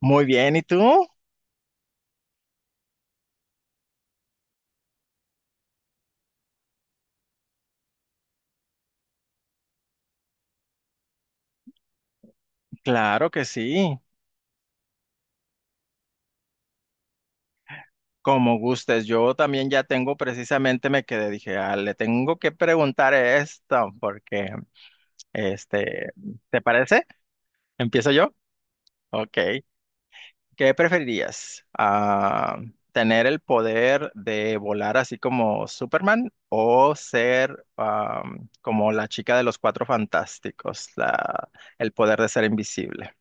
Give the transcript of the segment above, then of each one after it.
Muy bien, ¿y tú? Claro que sí, como gustes. Yo también ya tengo precisamente, me quedé, dije, ah, le tengo que preguntar esto, porque, este, ¿te parece? ¿Empiezo yo? Ok. ¿Qué preferirías? Ah, ¿tener el poder de volar así como Superman o ser como la chica de los cuatro fantásticos, la, el poder de ser invisible?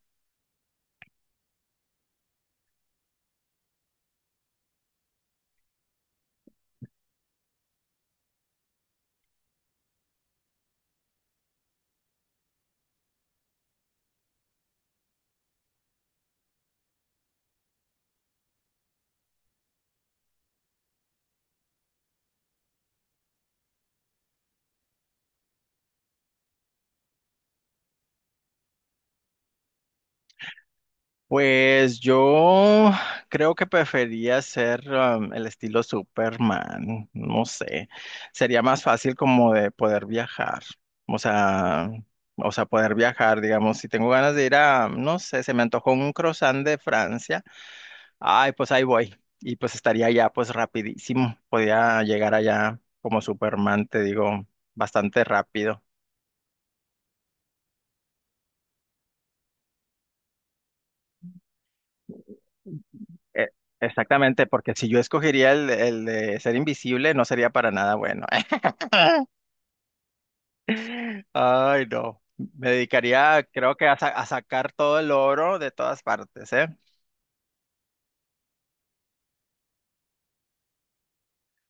Pues yo creo que prefería ser el estilo Superman, no sé, sería más fácil como de poder viajar, o sea, o sea, poder viajar, digamos, si tengo ganas de ir a, no sé, se me antojó un croissant de Francia, ay, pues ahí voy, y pues estaría allá pues rapidísimo, podía llegar allá como Superman, te digo, bastante rápido. Eh, Exactamente, porque si yo escogería el de ser invisible, no sería para nada bueno. Ay, no. Me dedicaría, creo que a, a sacar todo el oro de todas partes, ¿eh?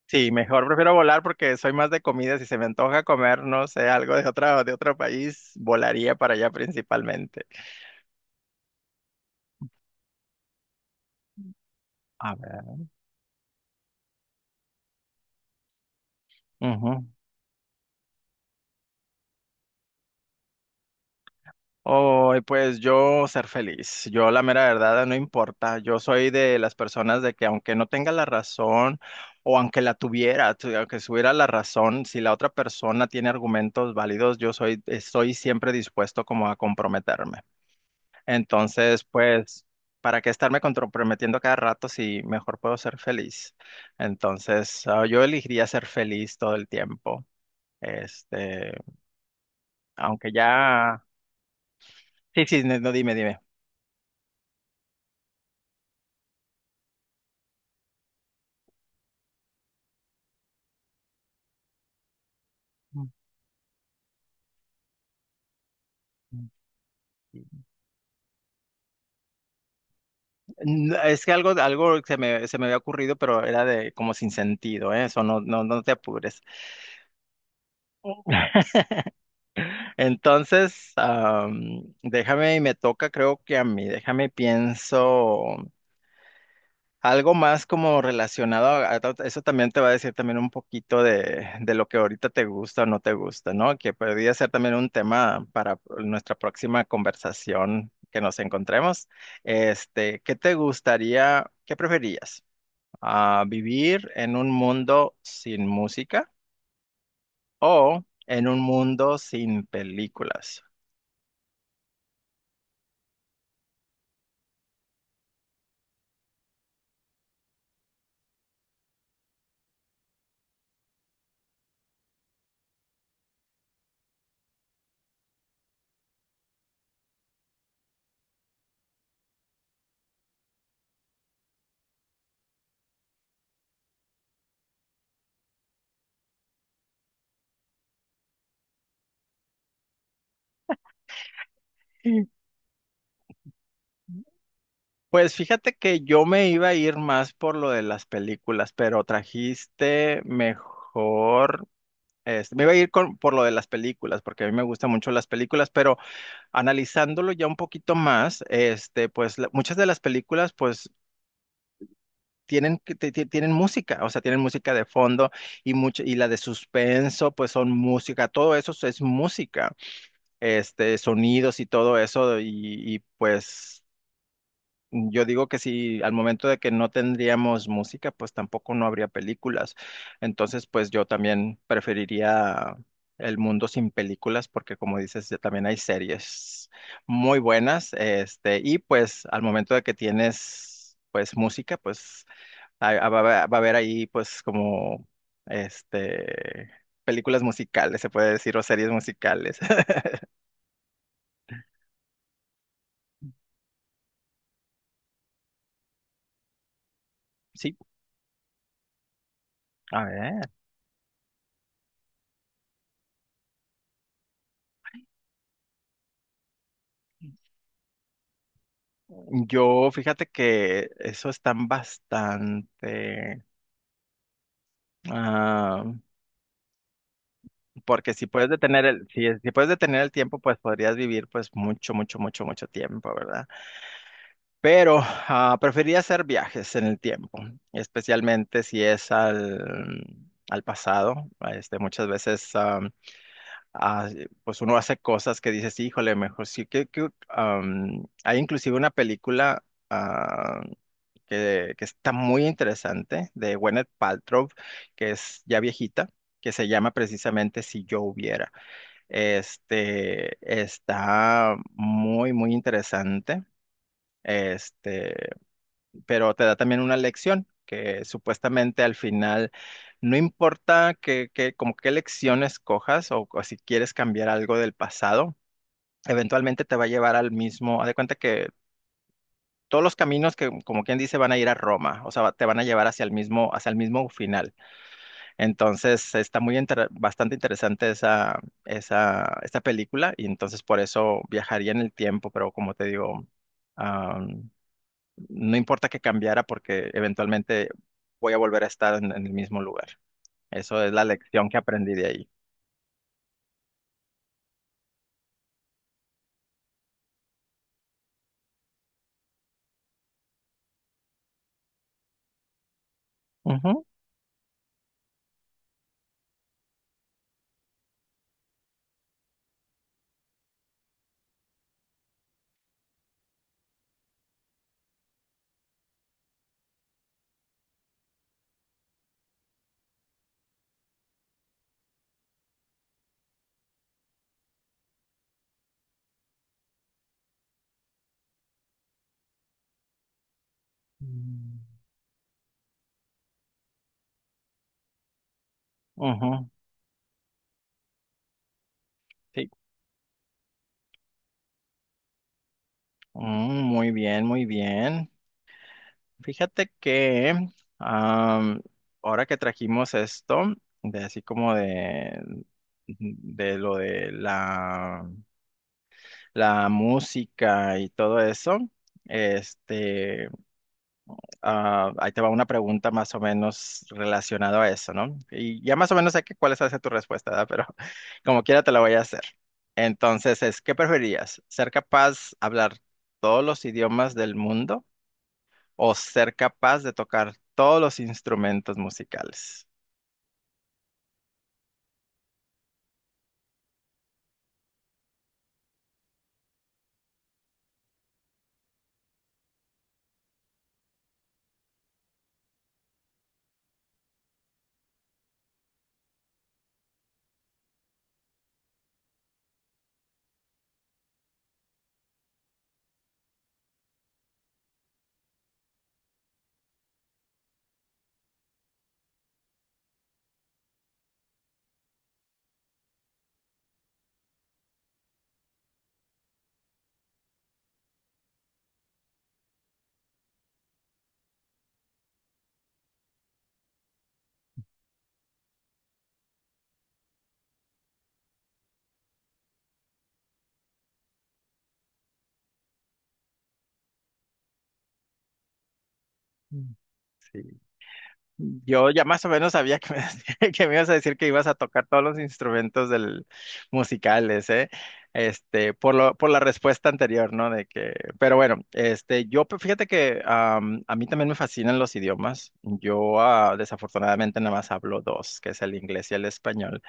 Sí, mejor prefiero volar porque soy más de comida. Si se me antoja comer, no sé, algo de otra, de otro país, volaría para allá principalmente. A ver. Ujú. Oh, pues yo ser feliz. Yo la mera verdad no importa. Yo soy de las personas de que aunque no tenga la razón o aunque la tuviera, aunque tuviera la razón, si la otra persona tiene argumentos válidos, yo soy estoy siempre dispuesto como a comprometerme. Entonces, pues, ¿para qué estarme comprometiendo cada rato si mejor puedo ser feliz? Entonces, ah, yo elegiría ser feliz todo el tiempo. Este, aunque ya... Sí, sí, no, no, dime, dime. Es que algo, algo se me había ocurrido, pero era de como sin sentido, ¿eh? Eso no, no, no te apures. Entonces, déjame y me toca, creo que a mí, déjame y pienso algo más como relacionado a eso también te va a decir también un poquito de lo que ahorita te gusta o no te gusta, ¿no? Que podría ser también un tema para nuestra próxima conversación que nos encontremos. Este, ¿qué te gustaría, qué preferías? Ah, ¿vivir en un mundo sin música o en un mundo sin películas? Mm. Pues fíjate que yo me iba a ir más por lo de las películas, pero trajiste mejor, este, me iba a ir con, por lo de las películas, porque a mí me gustan mucho las películas, pero analizándolo ya un poquito más, este, pues muchas de las películas, pues tienen, tienen música, o sea, tienen música de fondo y mucho, y la de suspenso, pues son música, todo eso es música, este, sonidos y todo eso, y pues yo digo que si al momento de que no tendríamos música, pues tampoco no habría películas. Entonces, pues yo también preferiría el mundo sin películas, porque como dices, ya también hay series muy buenas, este, y pues al momento de que tienes pues música, pues va a haber ahí pues como este películas musicales, se puede decir, o series musicales. Sí, a ver. Yo fíjate que eso están bastante ah, porque si puedes si, si puedes detener el tiempo, pues podrías vivir pues mucho, mucho, mucho, mucho tiempo, ¿verdad? Pero ah, preferiría hacer viajes en el tiempo, especialmente si es al pasado. Este, muchas veces. Ah, sí, pues uno hace cosas que dices, híjole, mejor sí que, am, hay inclusive una película ah, que está muy interesante de Gwyneth Paltrow, que es ya viejita, que se llama precisamente Si yo hubiera. Este está muy, muy interesante. Este, pero te da también una lección que supuestamente al final no importa que, como qué lección escojas o si quieres cambiar algo del pasado, eventualmente te va a llevar al mismo, haz de cuenta que todos los caminos que como quien dice van a ir a Roma, o sea, te van a llevar hacia el mismo final. Entonces, está muy bastante interesante esa esta película y entonces por eso viajaría en el tiempo, pero como te digo, no importa que cambiara porque eventualmente voy a volver a estar en el mismo lugar. Eso es la lección que aprendí de ahí. Ujú. Mm. Ujú, sí. Mm, muy bien, muy bien. Fíjate que am, ahora que trajimos esto, de así como de lo de la, la música y todo eso, este, ah, ahí te va una pregunta más o menos relacionada a eso, ¿no? Y ya más o menos sé que cuál es hacia tu respuesta, ¿verdad? Pero como quiera te la voy a hacer. Entonces es, ¿qué preferirías? ¿Ser capaz de hablar todos los idiomas del mundo o ser capaz de tocar todos los instrumentos musicales? Mm. Sí. Yo ya más o menos sabía que me, que me ibas a decir que ibas a tocar todos los instrumentos del, musicales, ¿eh? Este, por lo, por la respuesta anterior, ¿no? De que, pero bueno, este, yo pues, fíjate que a mí también me fascinan los idiomas. Yo ah, desafortunadamente nada más hablo dos, que es el inglés y el español.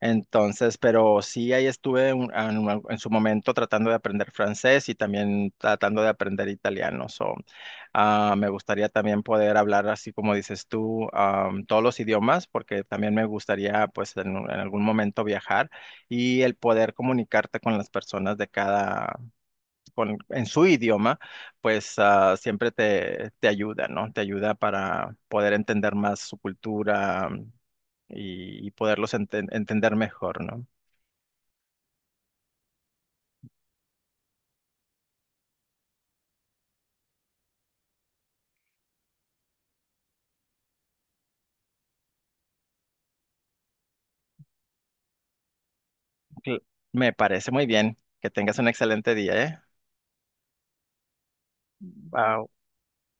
Entonces, pero sí, ahí estuve ah, en su momento tratando de aprender francés y también tratando de aprender italiano. So, ah, me gustaría también poder hablar, así como dices tú, todos los idiomas, porque también me gustaría, pues, en algún momento viajar y el poder comunicarte con las personas de cada, con, en su idioma, pues, ah, siempre te, te ayuda, ¿no? Te ayuda para poder entender más su cultura y poderlos entender mejor, ¿no? Cl- Me parece muy bien. Que tengas un excelente día, ¿eh? Bye.